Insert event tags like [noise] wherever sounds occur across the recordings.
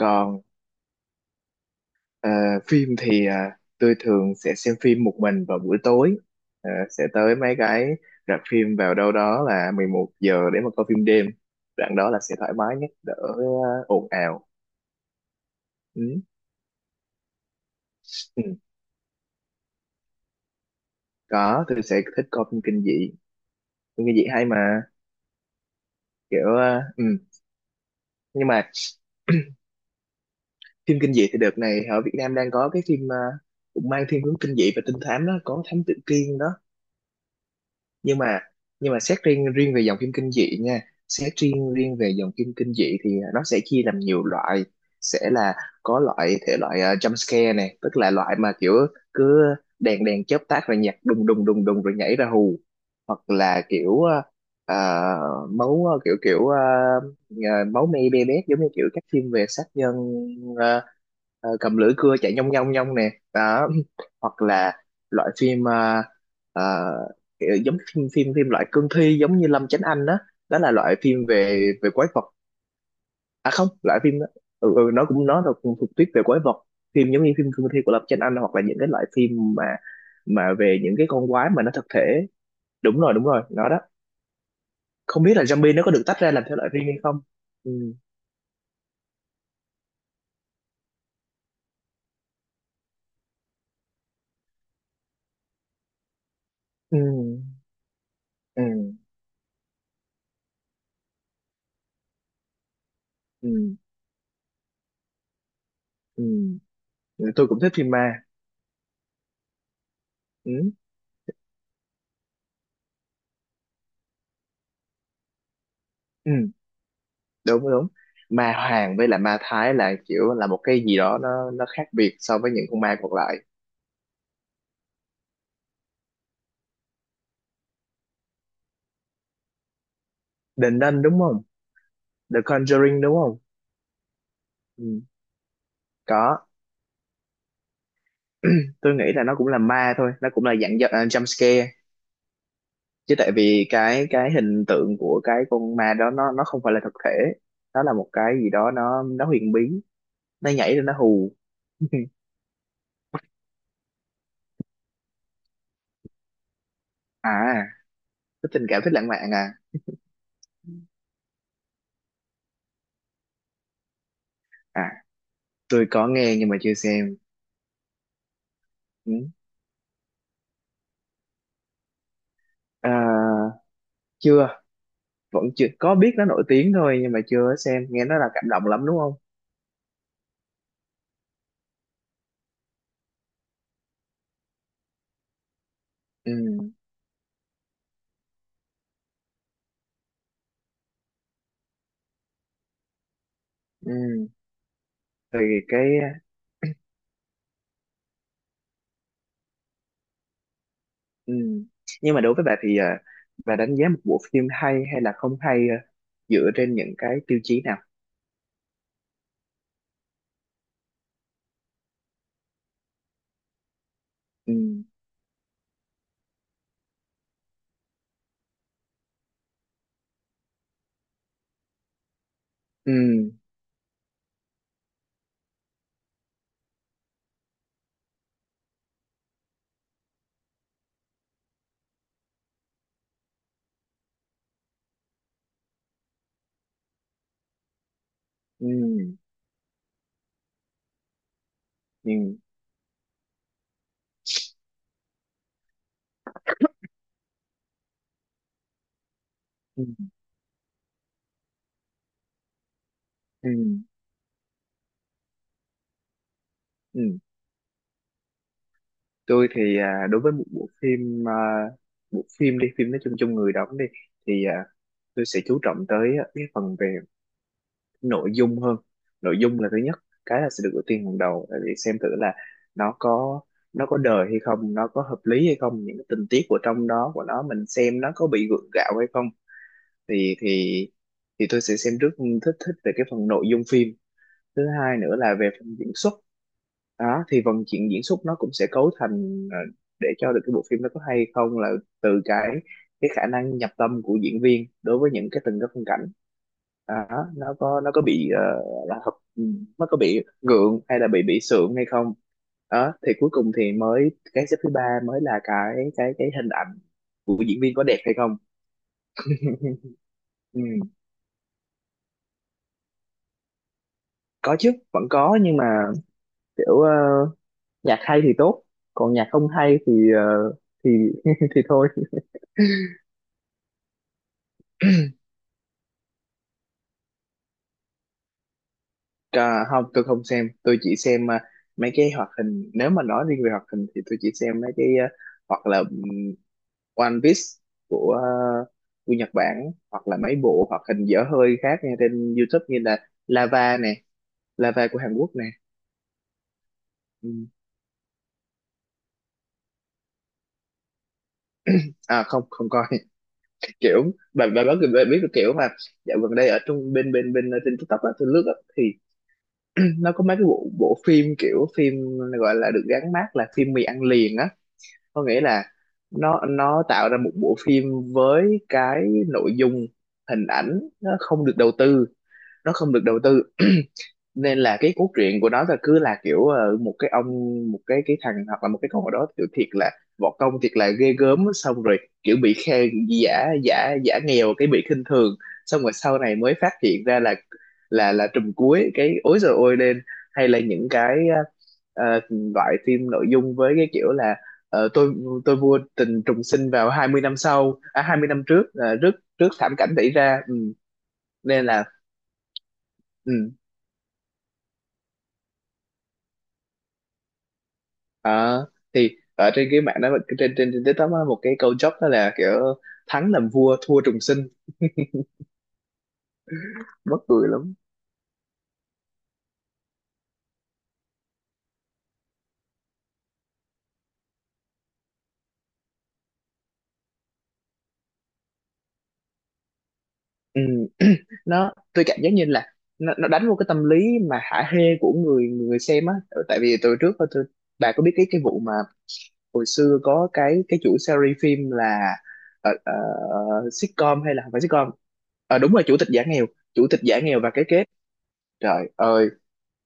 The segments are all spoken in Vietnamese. Còn ờ, phim thì tôi thường sẽ xem phim một mình vào buổi tối. Sẽ tới mấy cái rạp phim vào đâu đó là 11 giờ để mà coi phim đêm. Đoạn đó là sẽ thoải mái nhất, đỡ ồn ào. Ừ. Ừ. Có, tôi sẽ thích coi phim kinh dị, phim kinh dị hay mà. Kiểu ừ. Nhưng mà phim kinh dị thì đợt này ở Việt Nam đang có cái phim cũng mang thiên hướng kinh dị và trinh thám đó, có Thám Tử Kiên đó. Nhưng mà nhưng mà, xét riêng riêng về dòng phim kinh dị nha, xét riêng riêng về dòng phim kinh dị thì nó sẽ chia làm nhiều loại. Sẽ là có loại thể loại jump scare này, tức là loại mà kiểu cứ đèn đèn chớp tắt rồi nhạc đùng đùng đùng đùng rồi nhảy ra hù. Hoặc là kiểu, ờ, ờ, máu ờ, kiểu kiểu ờ, ờ, máu me be bét giống như kiểu các phim về sát nhân, ờ, cầm lưỡi cưa chạy nhông nhông nhông nè đó. [laughs] Hoặc là loại phim, uh, kiểu giống phim phim phim loại cương thi giống như Lâm Chánh Anh đó, đó là loại phim về về quái vật. À không, loại phim đó. Ừ, ừ, nó là cũng thuộc tuyết về quái vật. Phim giống như phim cương thi của Lâm Chánh Anh, hoặc là những cái loại phim mà về những cái con quái mà nó thực thể. Đúng rồi, đúng rồi, nó đó. Không biết là zombie nó có được tách ra làm thể loại riêng hay không. Ừ. Ừ. Ừ. Ừ. Ừ. Ừ, tôi cũng thích phim ma. Ừ. Ừ. Đúng, đúng. Ma hoàng với là ma thái là kiểu là một cái gì đó, nó khác biệt so với những con ma còn lại. The Nun đúng không? The Conjuring đúng không? Ừ. Có, tôi nghĩ là nó cũng là ma thôi, nó cũng là dạng jump scare. Chứ tại vì cái hình tượng của cái con ma đó, nó không phải là thực thể. Nó là một cái gì đó, nó huyền bí, nó nhảy rồi nó hù. [laughs] À có, tình cảm thích lãng mạn à? À, tôi có nghe nhưng mà chưa xem. Ừ. À, chưa. Vẫn chưa có, biết nó nổi tiếng thôi nhưng mà chưa xem, nghe nó là cảm động lắm đúng không? Ừ. Ừ. Thì cái. Ừ. Nhưng mà đối với bà thì bà đánh giá một bộ phim hay hay là không hay dựa trên những cái tiêu chí nào? Ừ. Ừ. Ừ. Ừ. Ừ. Ừ. Ừ. Tôi thì đối với một bộ phim, bộ phim đi, phim nói chung chung, người đóng đi thì tôi sẽ chú trọng tới cái phần về nội dung hơn. Nội dung là thứ nhất, cái là sẽ được ưu tiên hàng đầu, tại vì xem thử là nó có nó có đời hay không, nó có hợp lý hay không, những cái tình tiết của trong đó của nó mình xem nó có bị gượng gạo hay không. Thì thì thì tôi sẽ xem trước, thích thích về cái phần nội dung phim. Thứ hai nữa là về phần diễn xuất, đó thì phần chuyện diễn xuất nó cũng sẽ cấu thành để cho được cái bộ phim nó có hay không là từ cái khả năng nhập tâm của diễn viên đối với những cái từng cái phân cảnh đó, nó có bị ờ, là hợp nó có bị gượng hay là bị sượng hay không. Đó thì cuối cùng thì mới cái xếp thứ ba, mới là cái hình ảnh của diễn viên có đẹp hay không. [laughs] Ừ, có chứ, vẫn có nhưng mà kiểu nhạc hay thì tốt, còn nhạc không hay thì thì [laughs] thì thôi. À, không tôi không xem, tôi chỉ xem mấy cái hoạt hình. Nếu mà nói riêng về hoạt hình thì tôi chỉ xem mấy cái, à, hoặc là One Piece của à, của Nhật Bản, hoặc là mấy bộ hoạt hình dở hơi khác nghe trên YouTube như là Lava nè, Lava của Hàn Quốc nè. Ừm. À không, không coi. [laughs] Kiểu, bạn bạn biết cái kiểu mà dạo gần đây ở trong bên bên bên ờ, trên TikTok á, tôi lướt á, thì nó có mấy cái bộ bộ phim kiểu phim gọi là được gắn mác là phim mì ăn liền á. Có nghĩa là nó tạo ra một bộ phim với cái nội dung, hình ảnh nó không được đầu tư, nó không được đầu tư. [clears throat] Nên là cái cốt truyện của nó là cứ là kiểu một cái ông, một cái thằng hoặc là một cái con ở đó kiểu thiệt là võ công thiệt là ghê gớm, xong rồi kiểu bị khen, giả giả giả nghèo, cái bị khinh thường, xong rồi sau này mới phát hiện ra là trùm cuối, cái ối giời ôi lên. Hay là những cái ờ, ờ, loại phim nội dung với cái kiểu là ờ, tôi tôi mua tình trùng sinh vào 20 năm sau, à 20 năm trước, trước thảm cảnh xảy ra. Ừ. Nên là, ừ. Ờ, thì ở trên cái mạng đó, trên trên trên TikTok á, một cái câu joke đó là kiểu thắng làm vua, thua trùng sinh. Mắc cười lắm. Ừ. [clears throat] Tôi cảm giác như là nó đánh vô cái tâm lý mà hả hê của người người xem á. Ừ, tại vì từ trước á, tôi, bà có biết cái vụ mà hồi xưa có cái chủ series phim là ờ, ờ, sitcom hay là không phải sitcom. Ờ, đúng rồi, chủ tịch giả nghèo, chủ tịch giả nghèo và cái kết. Trời ơi,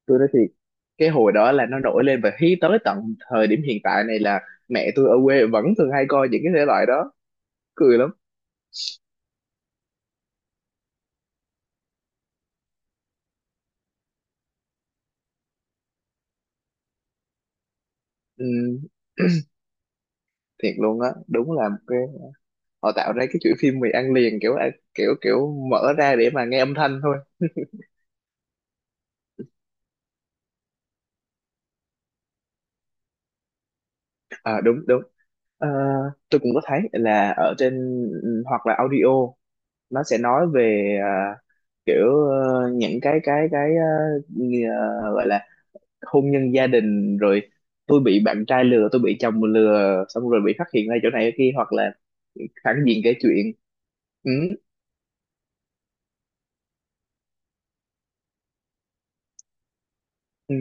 tôi nói thiệt, cái hồi đó là nó nổi lên và hí tới tận thời điểm hiện tại này là mẹ tôi ở quê vẫn thường hay coi những cái thể loại đó. Cười lắm. Ừ, thiệt luôn á, đúng là một cái họ tạo ra cái chuỗi phim mì ăn liền, kiểu kiểu kiểu mở ra để mà nghe âm thanh thôi. À, đúng đúng. Ờ, tôi cũng có thấy là ở trên, ừ, hoặc là audio nó sẽ nói về, kiểu những cái gọi là hôn nhân gia đình rồi tôi bị bạn trai lừa, tôi bị chồng lừa, xong rồi bị phát hiện ra chỗ này chỗ kia, hoặc là phản diện kể chuyện. Ừ, ừ.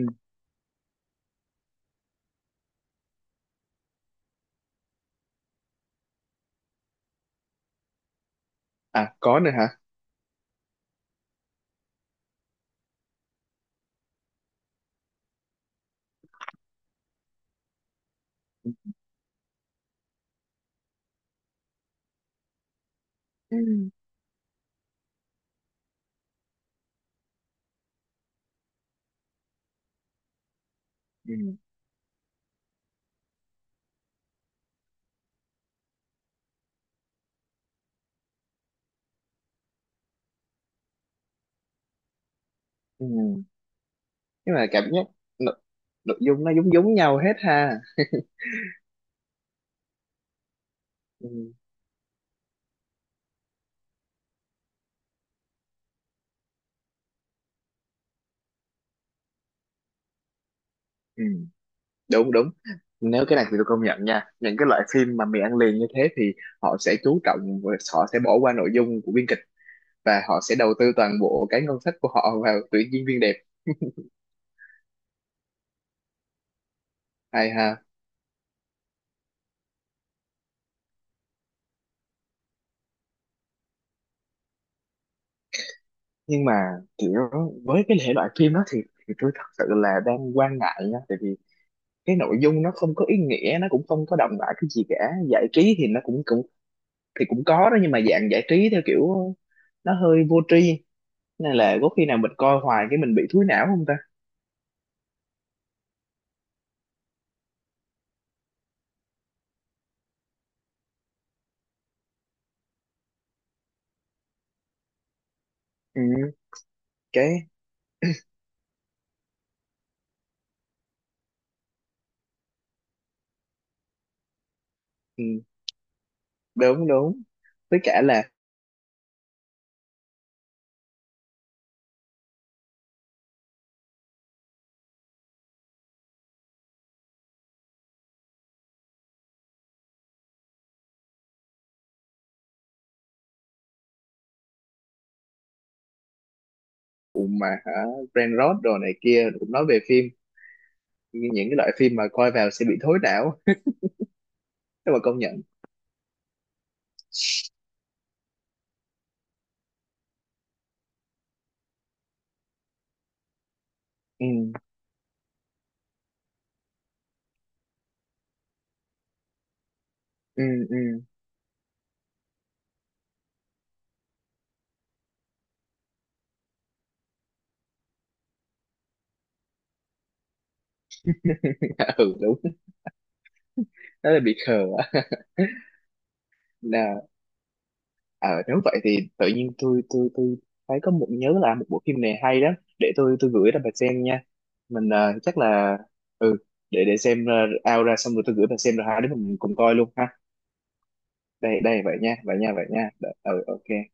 À, có nữa hả? Ừ. Ừ. Ừ. Nhưng mà cảm giác nội, nội dung nó giống giống nhau hết ha. Ừ. Ừ. Đúng đúng. Nếu cái này thì tôi công nhận nha, những cái loại phim mà mì ăn liền như thế thì họ sẽ chú trọng và họ sẽ bỏ qua nội dung của biên kịch, và họ sẽ đầu tư toàn bộ cái ngân sách của họ vào tuyển diễn viên đẹp. Hay ha. Nhưng mà kiểu với cái thể loại phim đó thì, tôi thật sự là đang quan ngại nha, tại vì cái nội dung nó không có ý nghĩa, nó cũng không có đậm đà cái gì cả. Giải trí thì nó cũng cũng thì cũng có đó, nhưng mà dạng giải trí theo kiểu nó hơi vô tri. Nên là có khi nào mình coi hoài, cái mình bị thúi não không ta? Ừ, cái, ừ, đúng đúng, với cả là cùng mà hả? Brain rot đồ này kia cũng nói về phim, nhưng những cái loại phim mà coi vào sẽ bị thối não. Nhưng mà công nhận. Ừ. Ừ. Ừ. [laughs] Ừ, đúng, đó là bị khờ á. [laughs] Nè, ờ nếu vậy thì tự nhiên tôi thấy có nhớ là một bộ phim này hay lắm, để tôi gửi cho bà xem nha. Mình chắc là, ừ, để xem out ra, xong rồi tôi gửi bà xem rồi hai đứa mình cùng coi luôn ha. Đây đây, vậy nha, vậy nha, vậy nha. Ừ, ok.